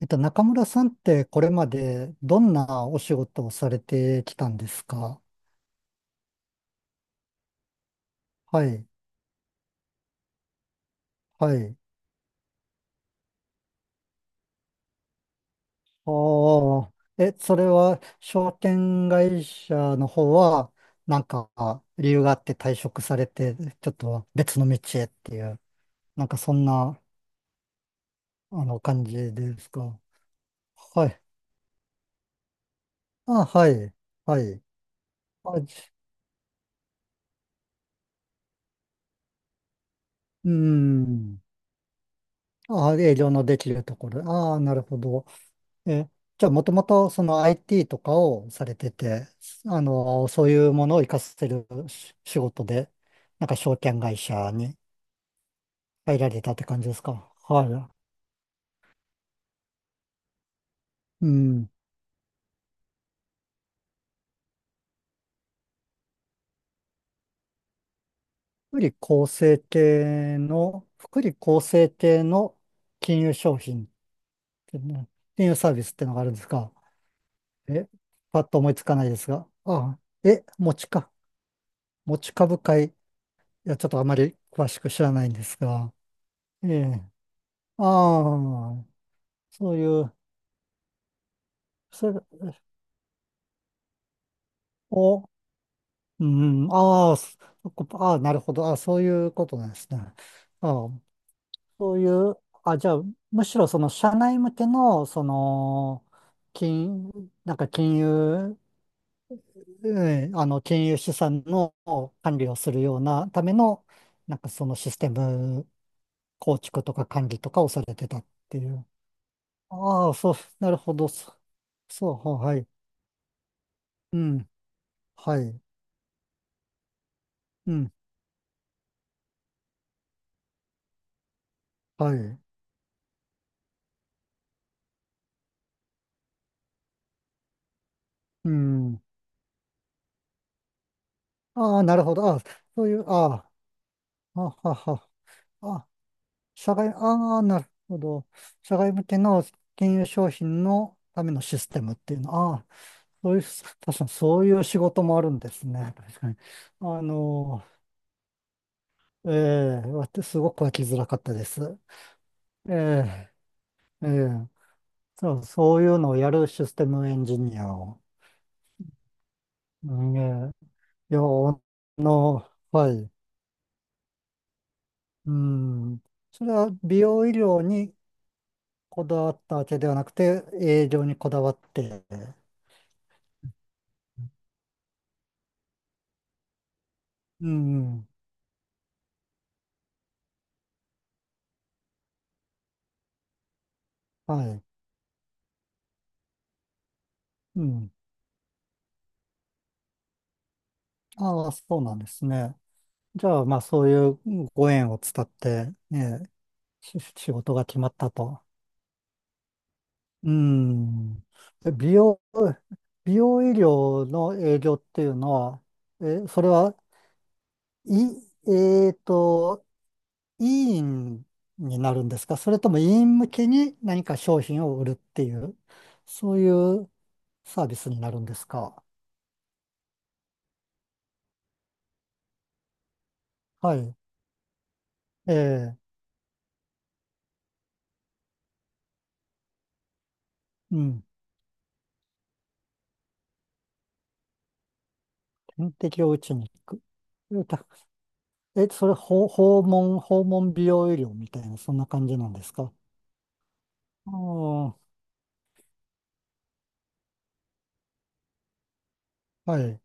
中村さんってこれまでどんなお仕事をされてきたんですか？はい、はい。ああ、え、それは証券会社の方は、なんか理由があって退職されて、ちょっと別の道へっていう、なんかそんな、あの、感じですか？はい。あ、はい、はい。あ、じうーん。あ、営業のできるところ。ああ、なるほど。え、じゃあ、もともとその IT とかをされてて、あの、そういうものを活かせるし仕事で、証券会社に入られたって感じですか。はい。うん。福利厚生系の、福利厚生系の金融商品ってね、金融サービスってのがあるんですか。え、パッと思いつかないですが。ああ、え、持ちか。持ち株会。いや、ちょっとあまり詳しく知らないんですが。ええ。ああ。そういうそれ、お、うん、ああ、そそこああ、なるほど。ああ、そういうことなんですね。ああ、そういう、あ、じゃあ、むしろその社内向けの、その、金、金融、うん、あの、金融資産の管理をするようなための、そのシステム構築とか管理とかをされてたっていう。ああ、そう、なるほど。そそう、はい。うん、はい。うん、はい。うん。ああ、なるほど。ああ、そういう、ああ、ははは。あ、社外、ああ、なるほど。社外向けの金融商品のためのシステムっていうの。ああ、そういう、確かにそういう仕事もあるんですね。確かに。あの、ええ、わてすごく湧きづらかったです。ええ、ええ、そう、そういうのをやるシステムエンジニアを。うんええ、いや、あの、はい。うん。それは美容医療にこだわったわけではなくて、営業にこだわって、うん、はい、うん。ああ、そうなんですね。じゃあ、まあ、そういうご縁を伝って、ね、し仕事が決まったと。うん。え美容、美容医療の営業っていうのは、え、それは、い、えっと、医院になるんですか？それとも医院向けに何か商品を売るっていう、そういうサービスになるんですか？はい。ええ、うん。点滴を打ちに行く。たえ、それ、訪訪問、訪問美容医療みたいな、そんな感じなんですか？ああ、はい、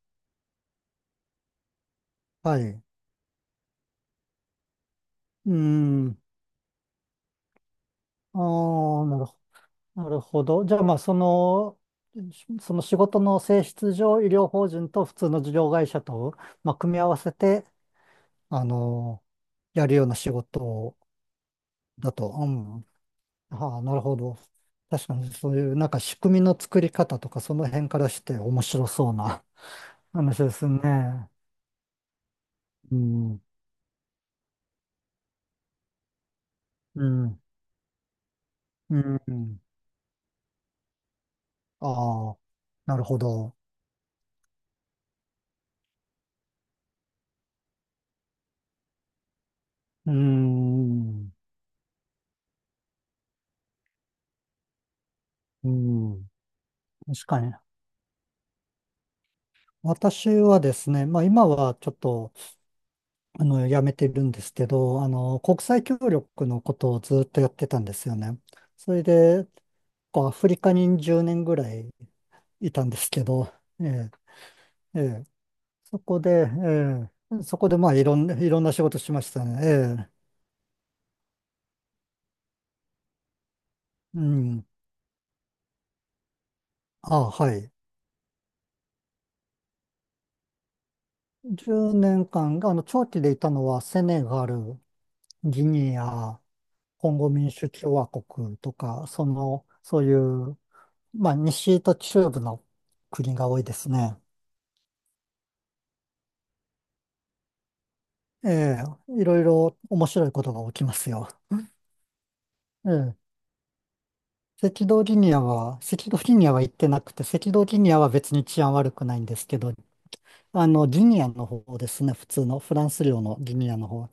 はい。うん。ああ、なるほ、なるほど。じゃあ、まあ、その、しその仕事の性質上、医療法人と普通の事業会社と、まあ、組み合わせて、あの、やるような仕事だと。うんはあ、なるほど。確かにそういう仕組みの作り方とかその辺からして面白そうな 話ですね。うん。うん。うん。ああ、なるほど。うーん。うん。確かに。私はですね、まあ今はちょっと、あの、やめてるんですけど、あの、国際協力のことをずっとやってたんですよね。それで、こうアフリカに10年ぐらいいたんですけど、ええええそこで、ええ、そこでまあいろんな、いろんな仕事しましたね。ええ、うん。あ、はい。10年間が、あの、長期でいたのはセネガル、ギニア、コンゴ民主共和国とか、その、そういう、まあ西と中部の国が多いですね。ええ、いろいろ面白いことが起きますよ。ええ、赤道ギニアは、赤道ギニアは行ってなくて、赤道ギニアは別に治安悪くないんですけど、あの、ギニアの方ですね。普通のフランス領のギニアの方。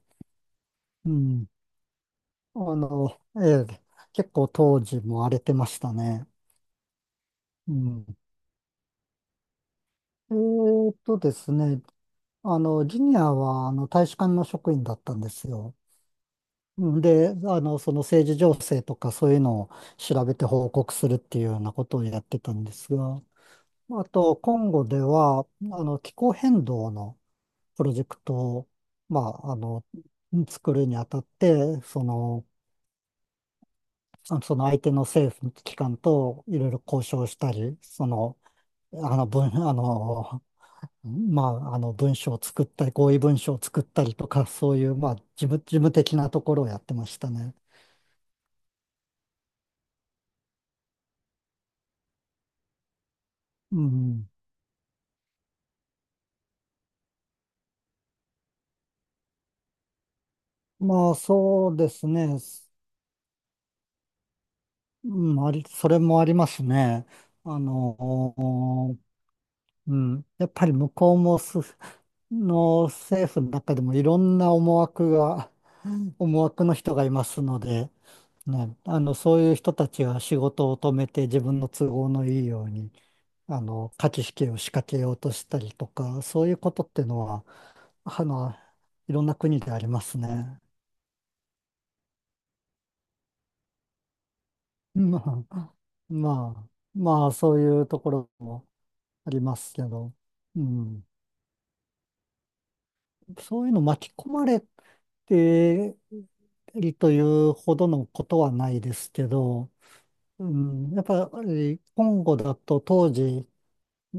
うん。あの、ええ、結構当時も荒れてましたね。うん。ですね。あの、ギニアは、あの、大使館の職員だったんですよ。うんで、あの、その政治情勢とかそういうのを調べて報告するっていうようなことをやってたんですが、あと、コンゴでは、あの、気候変動のプロジェクトを、まあ、あの、作るにあたって、その、あその相手の政府機関といろいろ交渉したり、その、あの文、あの、まあ、あの文書を作ったり、合意文書を作ったりとか、そういう、まあ、事務、事務的なところをやってましたね。うん。まあ、そうですね。うん、あり、それもありますね。あの、うん。やっぱり向こうもす、の政府の中でもいろんな思惑が、思惑の人がいますので、ね、あの、そういう人たちは仕事を止めて自分の都合のいいように、あの、価値きを仕掛けようとしたりとか、そういうことってのは、あの、いろんな国でありますね。まあ、まあ、まあ、そういうところもありますけど、うん、そういうの巻き込まれてりというほどのことはないですけど、うん、やっぱり今後だと当時、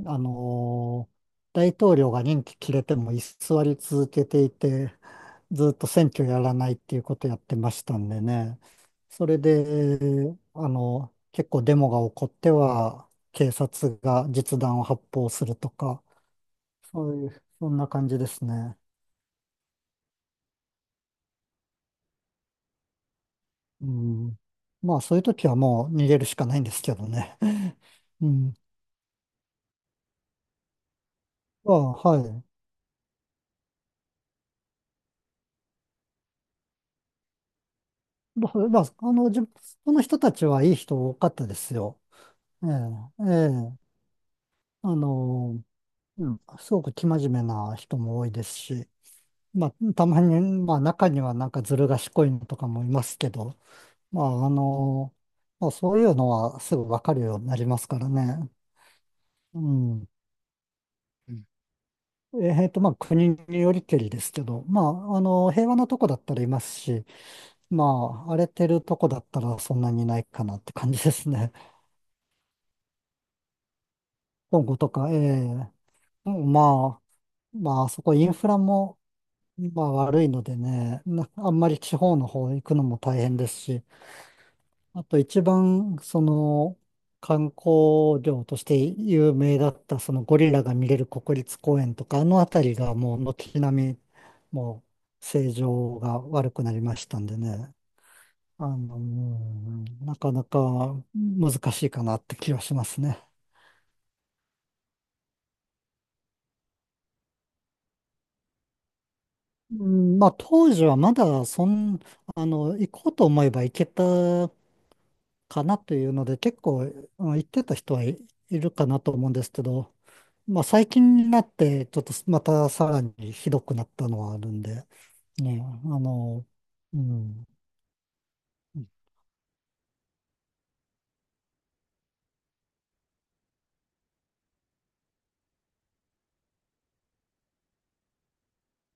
あのー大統領が任期切れても居座り続けていて、ずっと選挙やらないっていうことやってましたんでね。それで、あの、結構デモが起こっては、警察が実弾を発砲するとか、そういう、そんな感じですね。うん。まあ、そういう時はもう逃げるしかないんですけどね。うん。まあ、はい。まあ、その人たちはいい人多かったですよ。ええ、ええ。あの、うん、すごく生真面目な人も多いですし、まあ、たまに、まあ、中にはずる賢いのとかもいますけど、まあ、あの、まあ、そういうのはすぐわかるようになりますからね。うん。うんまあ、国によりけりですけど、まあ、あの、平和なとこだったらいますし、まあ、荒れてるとこだったらそんなにいないかなって感じですね。今後とか、ええうんまあ、まあ、あそこインフラも、まあ悪いのでね、な あんまり地方の方行くのも大変ですし、あと一番その観光業として有名だったそのゴリラが見れる国立公園とか、あの辺りがもう軒並みもう正常が悪くなりましたんでね、あの、うんなかなか難しいかなって気がしますね。うん、まあ当時はまだそん、あの、行こうと思えば行けたかなというので、結構、うん言ってた人はいいるかなと思うんですけど、まあ最近になって、ちょっとまたさらにひどくなったのはあるんで、ね、あの、うん。